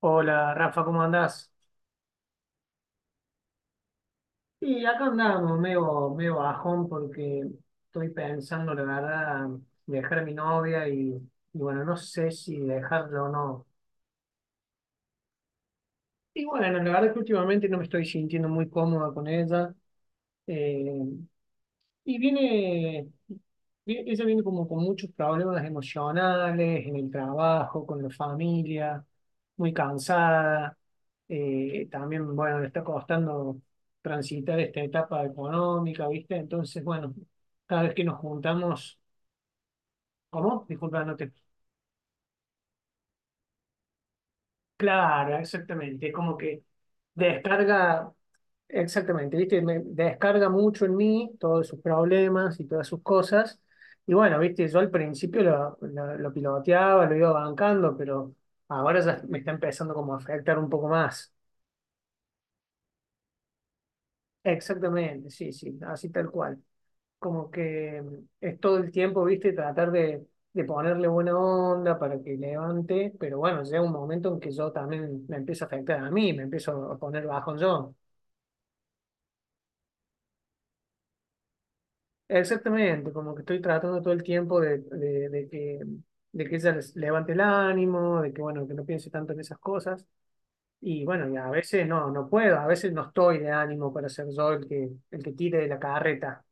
Hola Rafa, ¿cómo andás? Y acá andamos, medio bajón porque estoy pensando, la verdad, dejar a mi novia y, bueno, no sé si dejarlo o no. Y bueno, la verdad que últimamente no me estoy sintiendo muy cómoda con ella. Eh, Y viene, ella viene como con muchos problemas emocionales, en el trabajo, con la familia, muy cansada. También, bueno, le está costando transitar esta etapa económica, ¿viste? Entonces, bueno, cada vez que nos juntamos, ¿cómo? Disculpa, no te- Claro, exactamente. Como que descarga, exactamente, ¿viste? Me descarga mucho en mí todos sus problemas y todas sus cosas. Y bueno, ¿viste? Yo al principio lo piloteaba, lo iba bancando, pero ahora ya me está empezando como a afectar un poco más. Exactamente, sí, sí, así tal cual. Como que es todo el tiempo, ¿viste? Tratar de ponerle buena onda para que levante, pero bueno, llega un momento en que yo también me empiezo a afectar a mí, me empiezo a poner bajo yo. Exactamente, como que estoy tratando todo el tiempo de que ella levante el ánimo, de que bueno, que no piense tanto en esas cosas. Y bueno, y a veces no, no puedo, a veces no estoy de ánimo para ser yo el que tire de la carreta.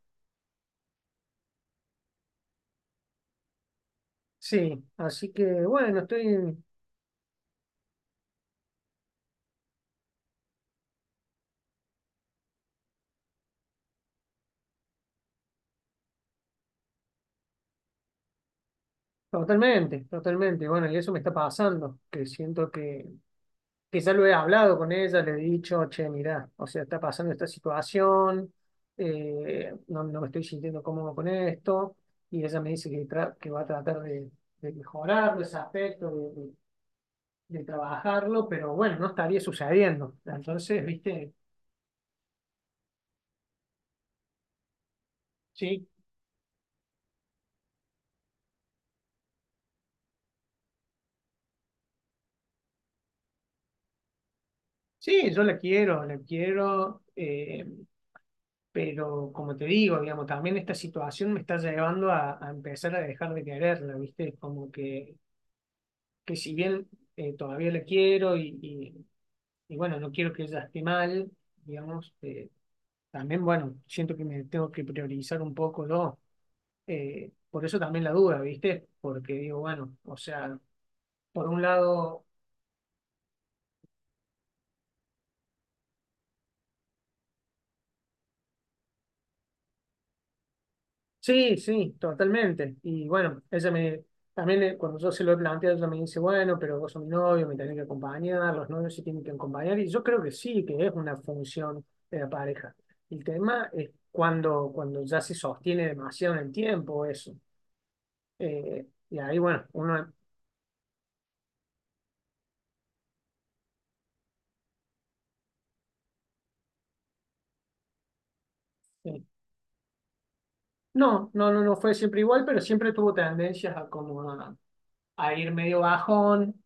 Sí, así que bueno, estoy totalmente, totalmente. Bueno, y eso me está pasando, que siento que quizá lo he hablado con ella, le he dicho, che, mirá, o sea, está pasando esta situación, no, no me estoy sintiendo cómodo con esto, y ella me dice que, que va a tratar de mejorarlo, ese aspecto, de trabajarlo, pero bueno, no estaría sucediendo. Entonces, viste, sí, sí, yo la quiero, la quiero. Pero como te digo, digamos, también esta situación me está llevando a empezar a dejar de quererla, ¿viste? Como que si bien todavía la quiero y bueno, no quiero que ella esté mal, digamos, también, bueno, siento que me tengo que priorizar un poco yo. Por eso también la duda, ¿viste? Porque digo, bueno, o sea, por un lado sí, sí, totalmente. Y bueno, ella me, también cuando yo se lo he planteado, ella me dice, bueno, pero vos sos mi novio, me tenés que acompañar, los novios se tienen que acompañar, y yo creo que sí, que es una función de la pareja. El tema es cuando ya se sostiene demasiado en el tiempo eso. Y ahí, bueno, uno, eh, no fue siempre igual, pero siempre tuvo tendencias a como a ir medio bajón.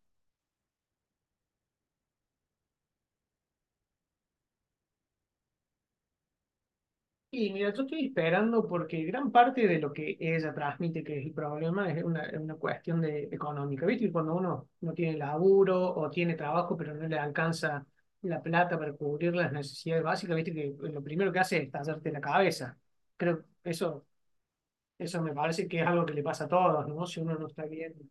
Y mira, yo estoy esperando porque gran parte de lo que ella transmite que es el problema es es una cuestión de, económica, ¿viste? Y cuando uno no tiene laburo o tiene trabajo pero no le alcanza la plata para cubrir las necesidades básicas, ¿viste? Que lo primero que hace es tallarte la cabeza. Creo que eso me parece que es algo que le pasa a todos, ¿no? Si uno no está bien.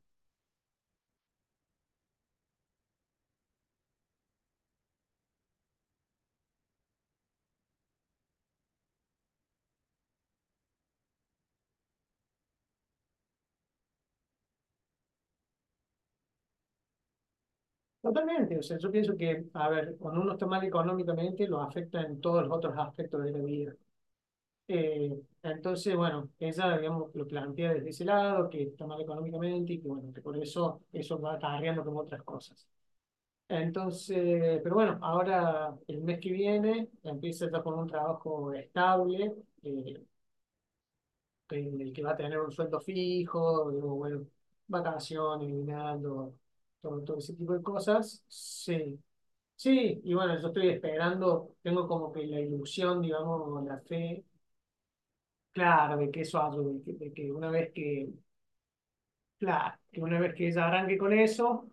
Totalmente, o sea, yo pienso que, a ver, cuando uno está mal económicamente lo afecta en todos los otros aspectos de la vida. Entonces, bueno, ella, digamos, lo plantea desde ese lado, que está mal económicamente y que, bueno, que por eso eso va acarreando como otras cosas. Entonces, pero bueno, ahora el mes que viene empieza ya con un trabajo estable, eh, en el que va a tener un sueldo fijo, digo, bueno, vacaciones, guinaldo, todo, todo ese tipo de cosas. Sí, sí, y bueno, yo estoy esperando, tengo como que la ilusión, digamos, la fe. Claro, de que eso algo, de que una vez que, claro, que una vez que ella arranque con eso,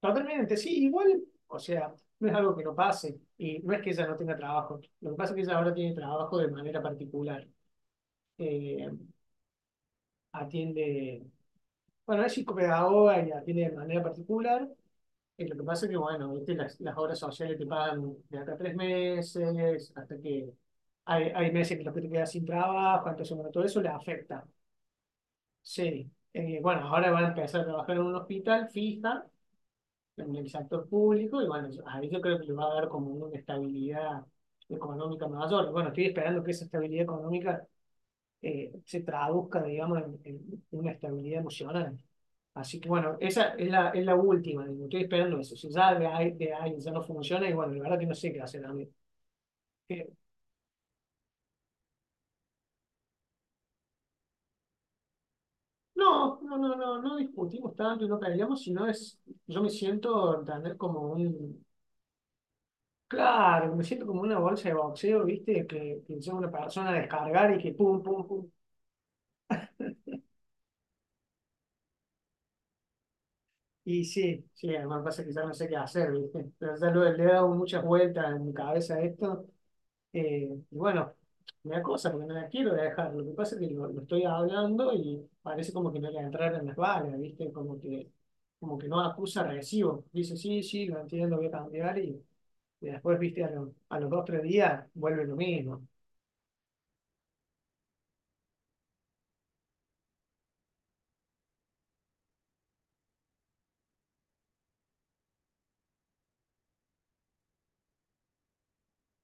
totalmente, sí, igual, o sea, no es algo que no pase, y no es que ella no tenga trabajo, lo que pasa es que ella ahora tiene trabajo de manera particular, eh, atiende, bueno, es psicopedagoga y atiende de manera particular, y lo que pasa es que, bueno, viste, las obras sociales te pagan de acá a 3 meses, hasta que hay meses en los que te quedas sin trabajo, entonces, bueno, todo eso le afecta. Sí, bueno, ahora van a empezar a trabajar en un hospital fija, en el sector público, y bueno, ahí yo creo que les va a dar como una estabilidad económica mayor. Bueno, estoy esperando que esa estabilidad económica se traduzca, digamos, en una estabilidad emocional. Así que bueno, esa es la última, digo, estoy esperando eso. Si ya de ahí ya no funciona, y bueno, la verdad que no sé qué hacer a mí. Eh, no discutimos tanto y no peleamos, sino es, yo me siento, entender, como un claro, me siento como una bolsa de boxeo, ¿viste? Que soy una persona a descargar y que pum, pum, pum. Y sí, sí, además pasa que ya no sé qué hacer, ¿viste? Pero ya le he dado muchas vueltas en mi cabeza a esto. Y bueno, me da cosa porque no la quiero dejar. Lo que pasa es que lo estoy hablando y parece como que no le entraron las balas, ¿viste? Como que no acusa recibo. Dice, sí, sí, lo entiendo, lo voy a cambiar. Y después, ¿viste? A, a los dos, tres días vuelve lo mismo.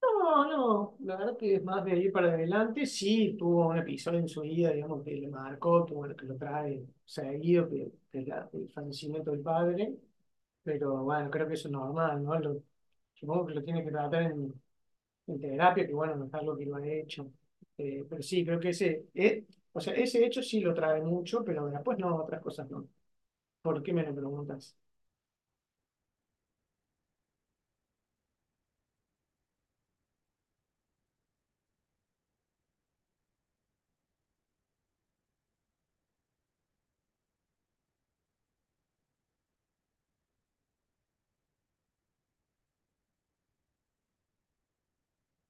No, no, la verdad que es más de ahí para adelante. Sí, tuvo un episodio en su vida, digamos, que le marcó, que bueno, que lo trae seguido, que el fallecimiento del padre, pero bueno, creo que eso es normal, ¿no? Lo, supongo que lo tiene que tratar en terapia, que bueno, no es algo que lo ha hecho. Pero sí, creo que ese, o sea, ese hecho sí lo trae mucho, pero después no, otras cosas no. ¿Por qué me lo preguntas?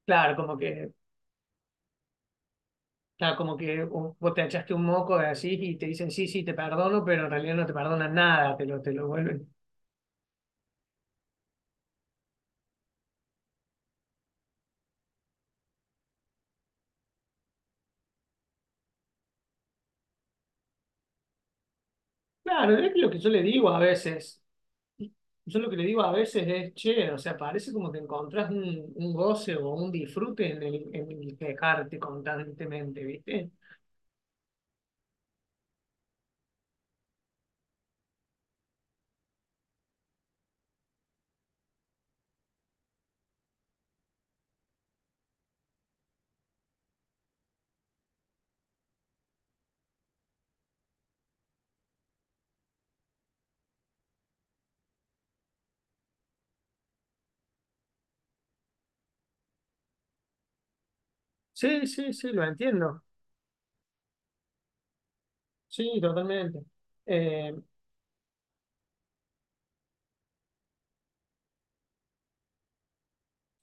Claro, como que claro, como que vos te echaste un moco de así y te dicen, sí, sí, te perdono, pero en realidad no te perdonan nada, te lo vuelven. Claro, es que lo que yo le digo a veces, yo lo que le digo a veces es, che, o sea, parece como que encontrás un goce o un disfrute en el quejarte constantemente, ¿viste? Sí, sí, sí, lo entiendo. Sí, totalmente. Eh,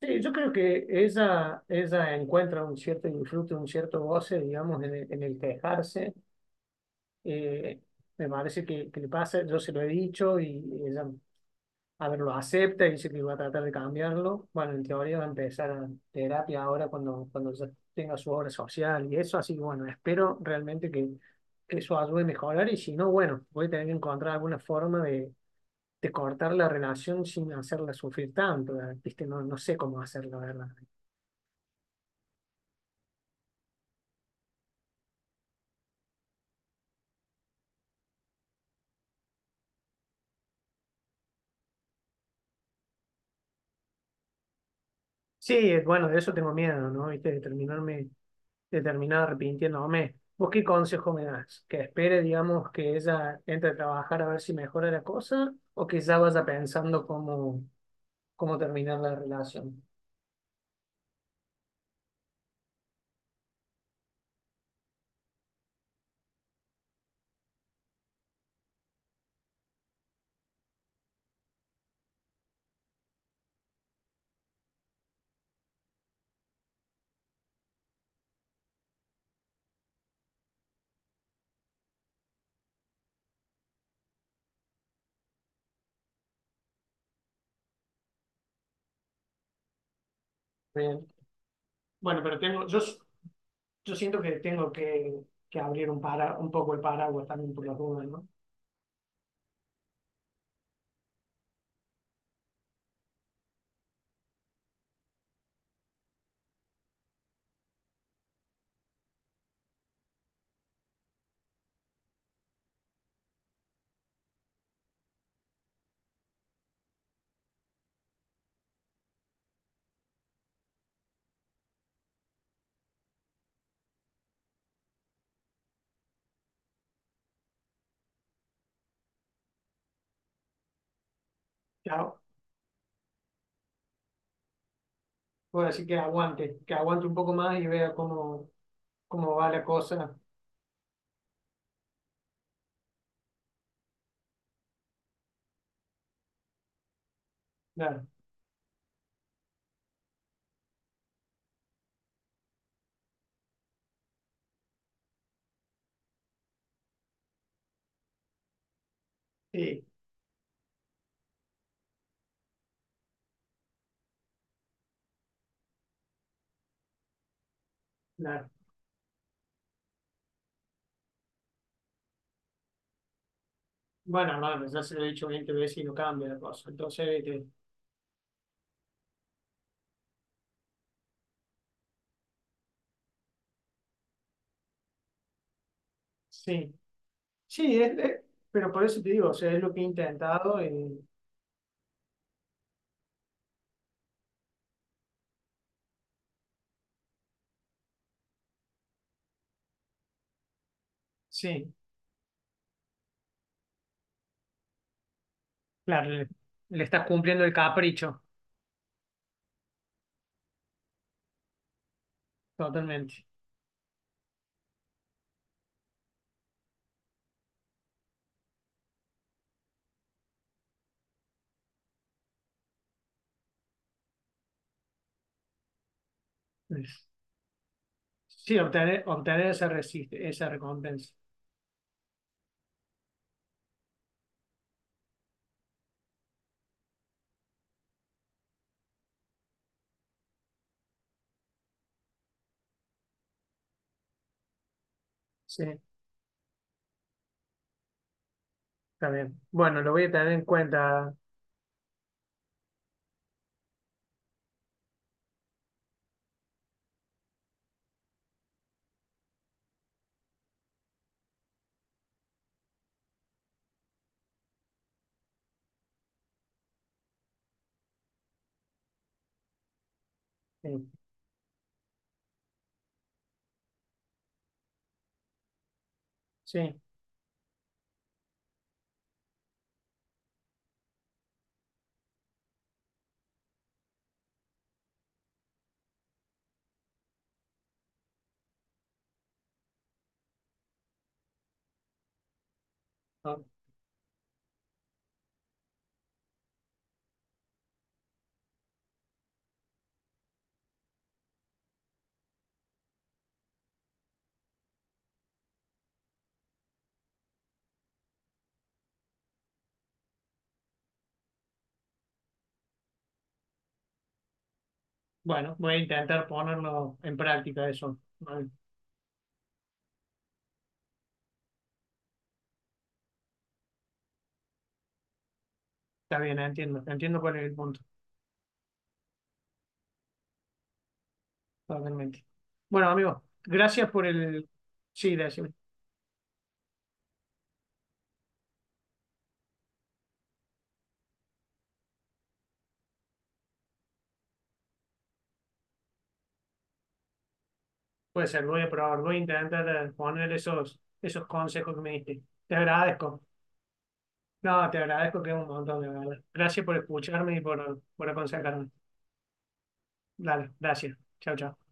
sí, yo creo que ella encuentra un cierto disfrute, un cierto goce, digamos, en el quejarse. Eh, Me parece que le pasa, yo se lo he dicho y ella, a ver, lo acepta y dice que va a tratar de cambiarlo. Bueno, en teoría va a empezar a terapia ahora cuando, cuando ya tenga su obra social y eso, así que bueno, espero realmente que, eso ayude a mejorar y si no, bueno, voy a tener que encontrar alguna forma de cortar la relación sin hacerla sufrir tanto, ¿viste? No, no sé cómo hacerlo, la verdad. Sí, es- bueno, de eso tengo miedo, ¿no? ¿Viste? De terminarme, de terminar arrepintiéndome. ¿Vos qué consejo me das? ¿Que espere, digamos, que ella entre a trabajar a ver si mejora la cosa o que ya vaya pensando cómo, cómo terminar la relación? Bien. Bueno, pero tengo, yo, yo siento que tengo que abrir un, para, un poco el paraguas también por las dudas, ¿no? Claro, puedo decir que aguante un poco más y vea cómo, cómo va la cosa. Claro, sí, claro. Bueno, no, ya se lo he dicho 20 veces y no cambia la cosa. Entonces, este, sí, sí, pero por eso te digo, o sea, es lo que he intentado y sí, claro, le estás cumpliendo el capricho totalmente. Es- sí, obtener, obtener esa, resiste, esa recompensa. Sí, está bien. Bueno, lo voy a tener en cuenta. eh, Sí, ah, bueno, voy a intentar ponerlo en práctica eso. Vale, está bien, entiendo, entiendo cuál es el punto. Totalmente. Bueno, amigo, gracias por el... Sí, decime. Puede ser, lo voy a probar, voy a intentar poner esos, esos consejos que me diste. Te agradezco. No, te agradezco que es un montón de verdad. Gracias por escucharme y por aconsejarme. Dale, gracias. Chao, chao.